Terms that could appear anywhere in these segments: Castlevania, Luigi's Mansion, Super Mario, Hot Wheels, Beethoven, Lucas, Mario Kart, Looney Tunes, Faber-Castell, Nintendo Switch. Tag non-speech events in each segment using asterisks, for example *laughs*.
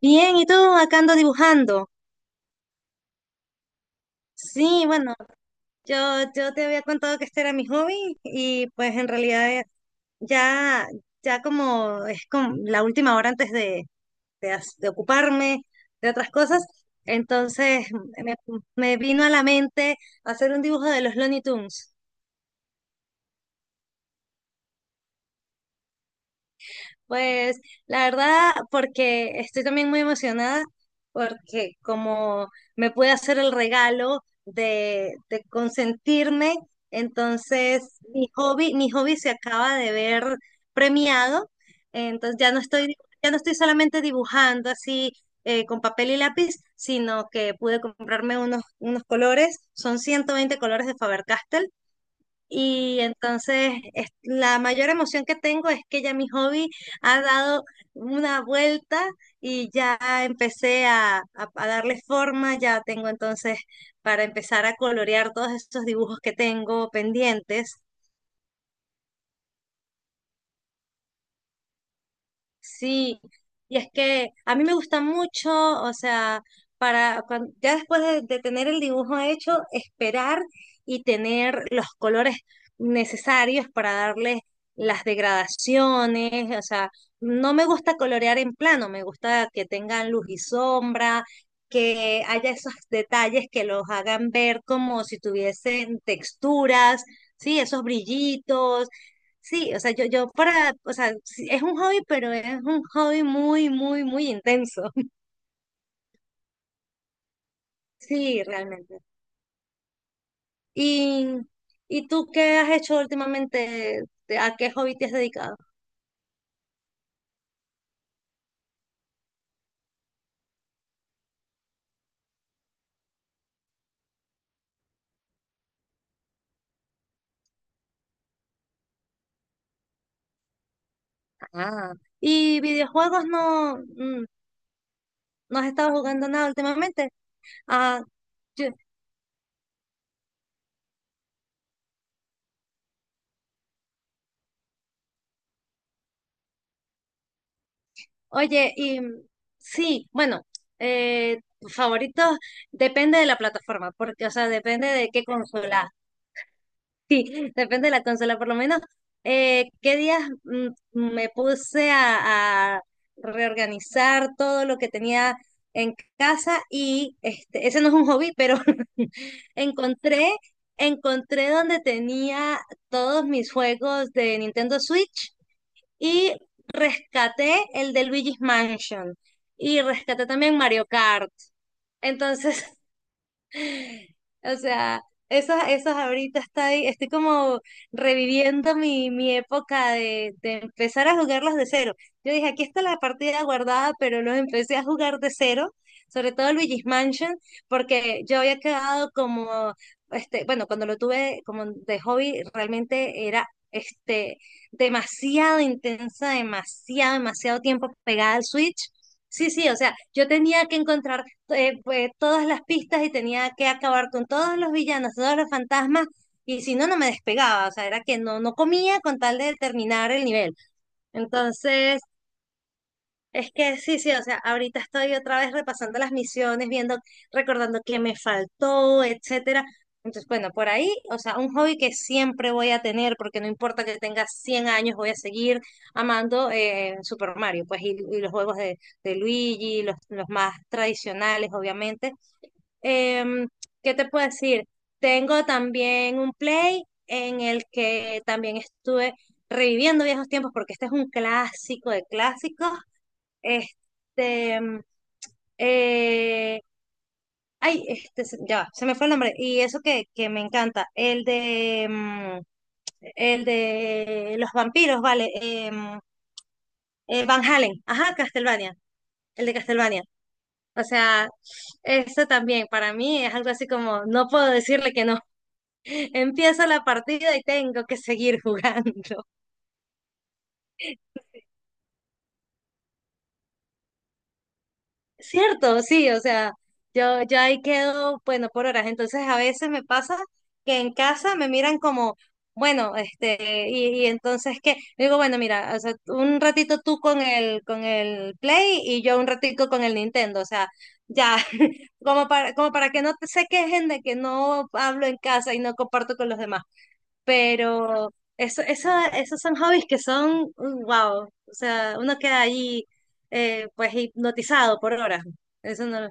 Bien, ¿y tú acá ando dibujando? Sí, bueno, yo, yo te había contado que este era mi hobby y pues en realidad ya, ya como es como la última hora antes de ocuparme de otras cosas, entonces me, me vino a la mente hacer un dibujo de los Looney Tunes. Pues la verdad, porque estoy también muy emocionada, porque como me pude hacer el regalo de consentirme, entonces mi hobby se acaba de ver premiado, entonces ya no estoy solamente dibujando así con papel y lápiz, sino que pude comprarme unos colores, son 120 colores de Faber-Castell y entonces la mayor emoción que tengo es que ya mi hobby ha dado una vuelta y ya empecé a darle forma, ya tengo entonces para empezar a colorear todos estos dibujos que tengo pendientes. Sí, y es que a mí me gusta mucho, o sea, para ya después de tener el dibujo hecho, esperar y tener los colores necesarios para darle las degradaciones, o sea, no me gusta colorear en plano, me gusta que tengan luz y sombra, que haya esos detalles que los hagan ver como si tuviesen texturas, sí, esos brillitos. Sí, o sea, yo para, o sea, sí, es un hobby, pero es un hobby muy, muy, muy intenso. *laughs* Sí, realmente. ¿Y, y tú qué has hecho últimamente? A qué hobby te has dedicado? Ah. ¿Y videojuegos no, no has estado jugando nada últimamente? Ah, yo- oye, y sí, bueno, tus favoritos depende de la plataforma, porque, o sea, depende de qué consola. Sí, depende de la consola. Por lo menos, ¿qué días me puse a reorganizar todo lo que tenía en casa? Y este, ese no es un hobby, pero *laughs* encontré, encontré donde tenía todos mis juegos de Nintendo Switch y rescaté el de Luigi's Mansion. Y rescaté también Mario Kart. Entonces, o sea, esos ahorita estoy como reviviendo mi época de empezar a jugarlos de cero. Yo dije, aquí está la partida guardada, pero los empecé a jugar de cero, sobre todo Luigi's Mansion, porque yo había quedado como, este, bueno, cuando lo tuve como de hobby, realmente era este demasiado intensa, demasiado, demasiado tiempo pegada al Switch. Sí, sí, o sea, yo tenía que encontrar pues, todas las pistas y tenía que acabar con todos los villanos, todos los fantasmas, y si no, no me despegaba, o sea, era que no, no comía con tal de terminar el nivel. Entonces, es que sí, sí, o sea, ahorita estoy otra vez repasando las misiones, viendo, recordando qué me faltó, etcétera. Entonces, bueno, por ahí, o sea, un hobby que siempre voy a tener, porque no importa que tenga 100 años, voy a seguir amando Super Mario, pues, y los juegos de Luigi, los más tradicionales, obviamente. Em, ¿Qué te puedo decir? Tengo también un play en el que también estuve reviviendo viejos tiempos porque este es un clásico de clásicos. Este, em, eh, ay, este, ya, va, se me fue el nombre. Y eso que me encanta, el de, el de los vampiros, vale, Van Halen, ajá, Castlevania, el de Castlevania. O sea, eso también para mí es algo así como, no puedo decirle que no. Empieza la partida y tengo que seguir jugando. *laughs* Cierto, sí, o sea, yo ahí quedo, bueno, por horas. Entonces a veces me pasa que en casa me miran como, bueno, este, y entonces que, digo, bueno, mira, o sea, un ratito tú con el Play y yo un ratito con el Nintendo, o sea, ya, *laughs* como para que no te se quejen de que no hablo en casa y no comparto con los demás. Pero esos son hobbies que son, wow, o sea, uno queda allí pues hipnotizado por horas. Eso no.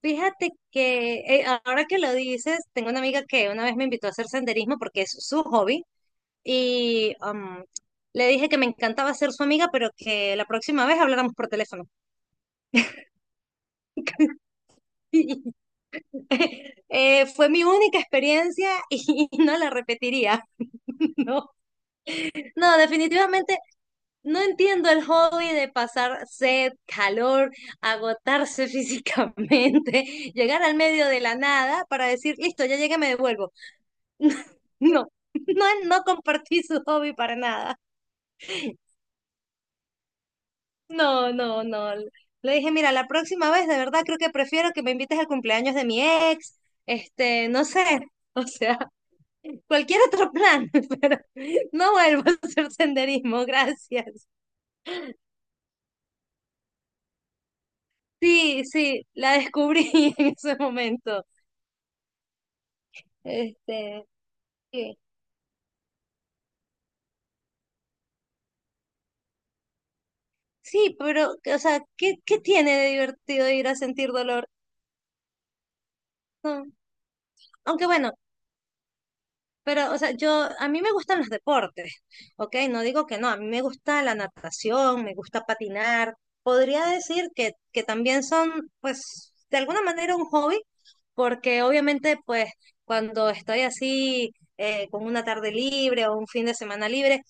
Fíjate que ahora que lo dices, tengo una amiga que una vez me invitó a hacer senderismo porque es su hobby y le dije que me encantaba ser su amiga, pero que la próxima vez habláramos por teléfono. *laughs* Fue mi única experiencia y *laughs* no la repetiría. *laughs* No, no, definitivamente. No entiendo el hobby de pasar sed, calor, agotarse físicamente, *laughs* llegar al medio de la nada para decir, listo, ya llegué, me devuelvo. *laughs* No, no, no compartí su hobby para nada. No, no, no. Le dije, mira, la próxima vez de verdad creo que prefiero que me invites al cumpleaños de mi ex, este, no sé, *laughs* o sea, cualquier otro plan, *laughs* pero no vuelvo a hacer senderismo, gracias. Sí, sí, la descubrí *laughs* en ese momento. Este, sí, sí, pero, o sea, ¿qué tiene de divertido ir a sentir dolor? No, aunque bueno, pero, o sea, a mí me gustan los deportes, ¿ok? No digo que no, a mí me gusta la natación, me gusta patinar. Podría decir que también son, pues, de alguna manera un hobby, porque obviamente, pues, cuando estoy así, con una tarde libre o un fin de semana libre,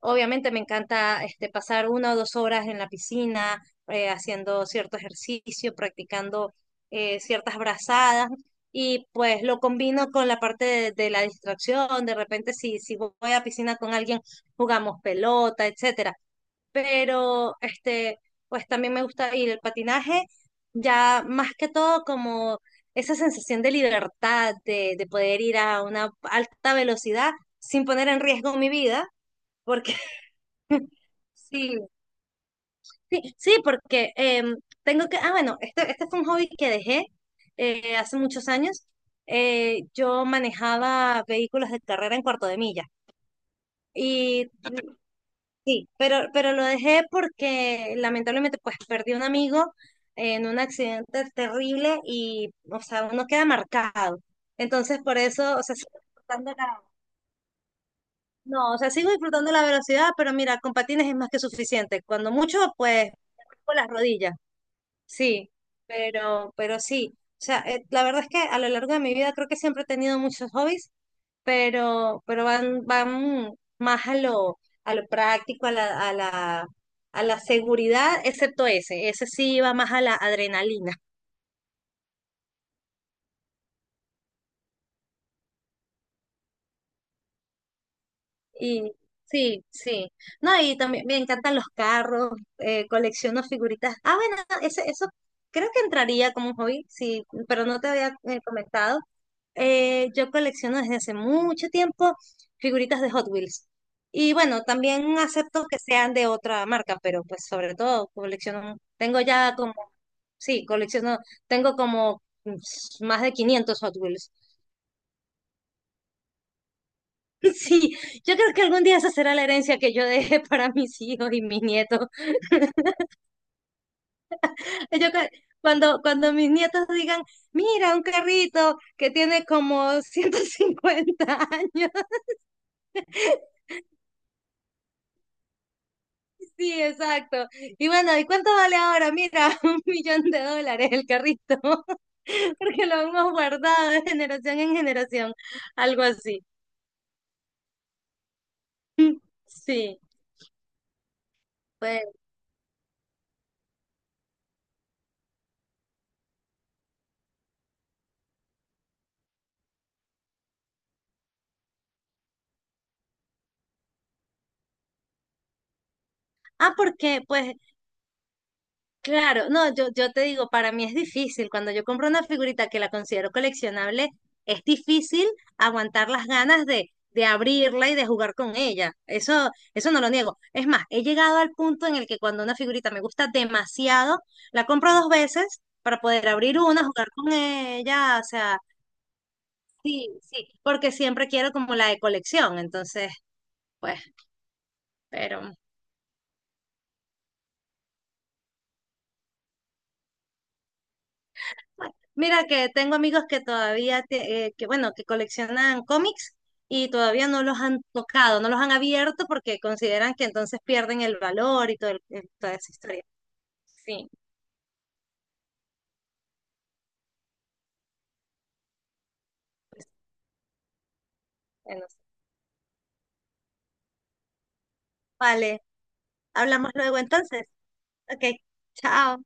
obviamente me encanta este, pasar una o dos horas en la piscina, haciendo cierto ejercicio, practicando ciertas brazadas y pues lo combino con la parte de la distracción. De repente si voy a piscina con alguien, jugamos pelota, etcétera. Pero este, pues también me gusta ir el patinaje, ya más que todo como esa sensación de libertad, de poder ir a una alta velocidad sin poner en riesgo mi vida. Sí, sí, sí, porque tengo que, bueno, este fue un hobby que dejé hace muchos años. Yo manejaba vehículos de carrera en cuarto de milla. Y sí, pero lo dejé porque lamentablemente pues perdí un amigo en un accidente terrible y, o sea, uno queda marcado. Entonces, por eso, o sea, no, o sea, sigo disfrutando la velocidad, pero mira, con patines es más que suficiente. Cuando mucho, pues, con las rodillas. Sí, pero sí. O sea, la verdad es que a lo largo de mi vida creo que siempre he tenido muchos hobbies, pero van, van más a lo práctico, a la seguridad, excepto ese. Ese sí va más a la adrenalina. Y sí, sí. No, y también me encantan los carros, colecciono figuritas. Ah, bueno, eso creo que entraría como un hobby, sí, pero no te había comentado. Eh, yo colecciono desde hace mucho tiempo figuritas de Hot Wheels. Y bueno, también acepto que sean de otra marca, pero pues sobre todo colecciono, tengo ya como, sí, colecciono, tengo como más de 500 Hot Wheels. *laughs* Sí, yo creo que algún día esa será la herencia que yo deje *laughs* para mis hijos y mis nietos. *laughs* Yo creo- Cuando, cuando mis nietos digan, mira, un carrito que tiene como 150 años. *laughs* Sí, exacto. Y bueno, ¿y cuánto vale ahora? Mira, *laughs* 1 millón de dólares el carrito, *laughs* porque lo hemos guardado de generación en generación, algo así. *laughs* Sí, pues. Ah, ¿por qué? Pues claro, no, yo te digo, para mí es difícil. Cuando yo compro una figurita que la considero coleccionable, es difícil aguantar las ganas de abrirla y de jugar con ella. Eso no lo niego. Es más, he llegado al punto en el que cuando una figurita me gusta demasiado, la compro dos veces para poder abrir una, jugar con ella. O sea, sí, sí, porque siempre quiero como la de colección. Entonces, pues, pero mira que tengo amigos que todavía, que bueno, que coleccionan cómics y todavía no los han tocado, no los han abierto porque consideran que entonces pierden el valor y todo toda esa historia. Sí, pues, bueno, vale, hablamos luego entonces. Ok, chao.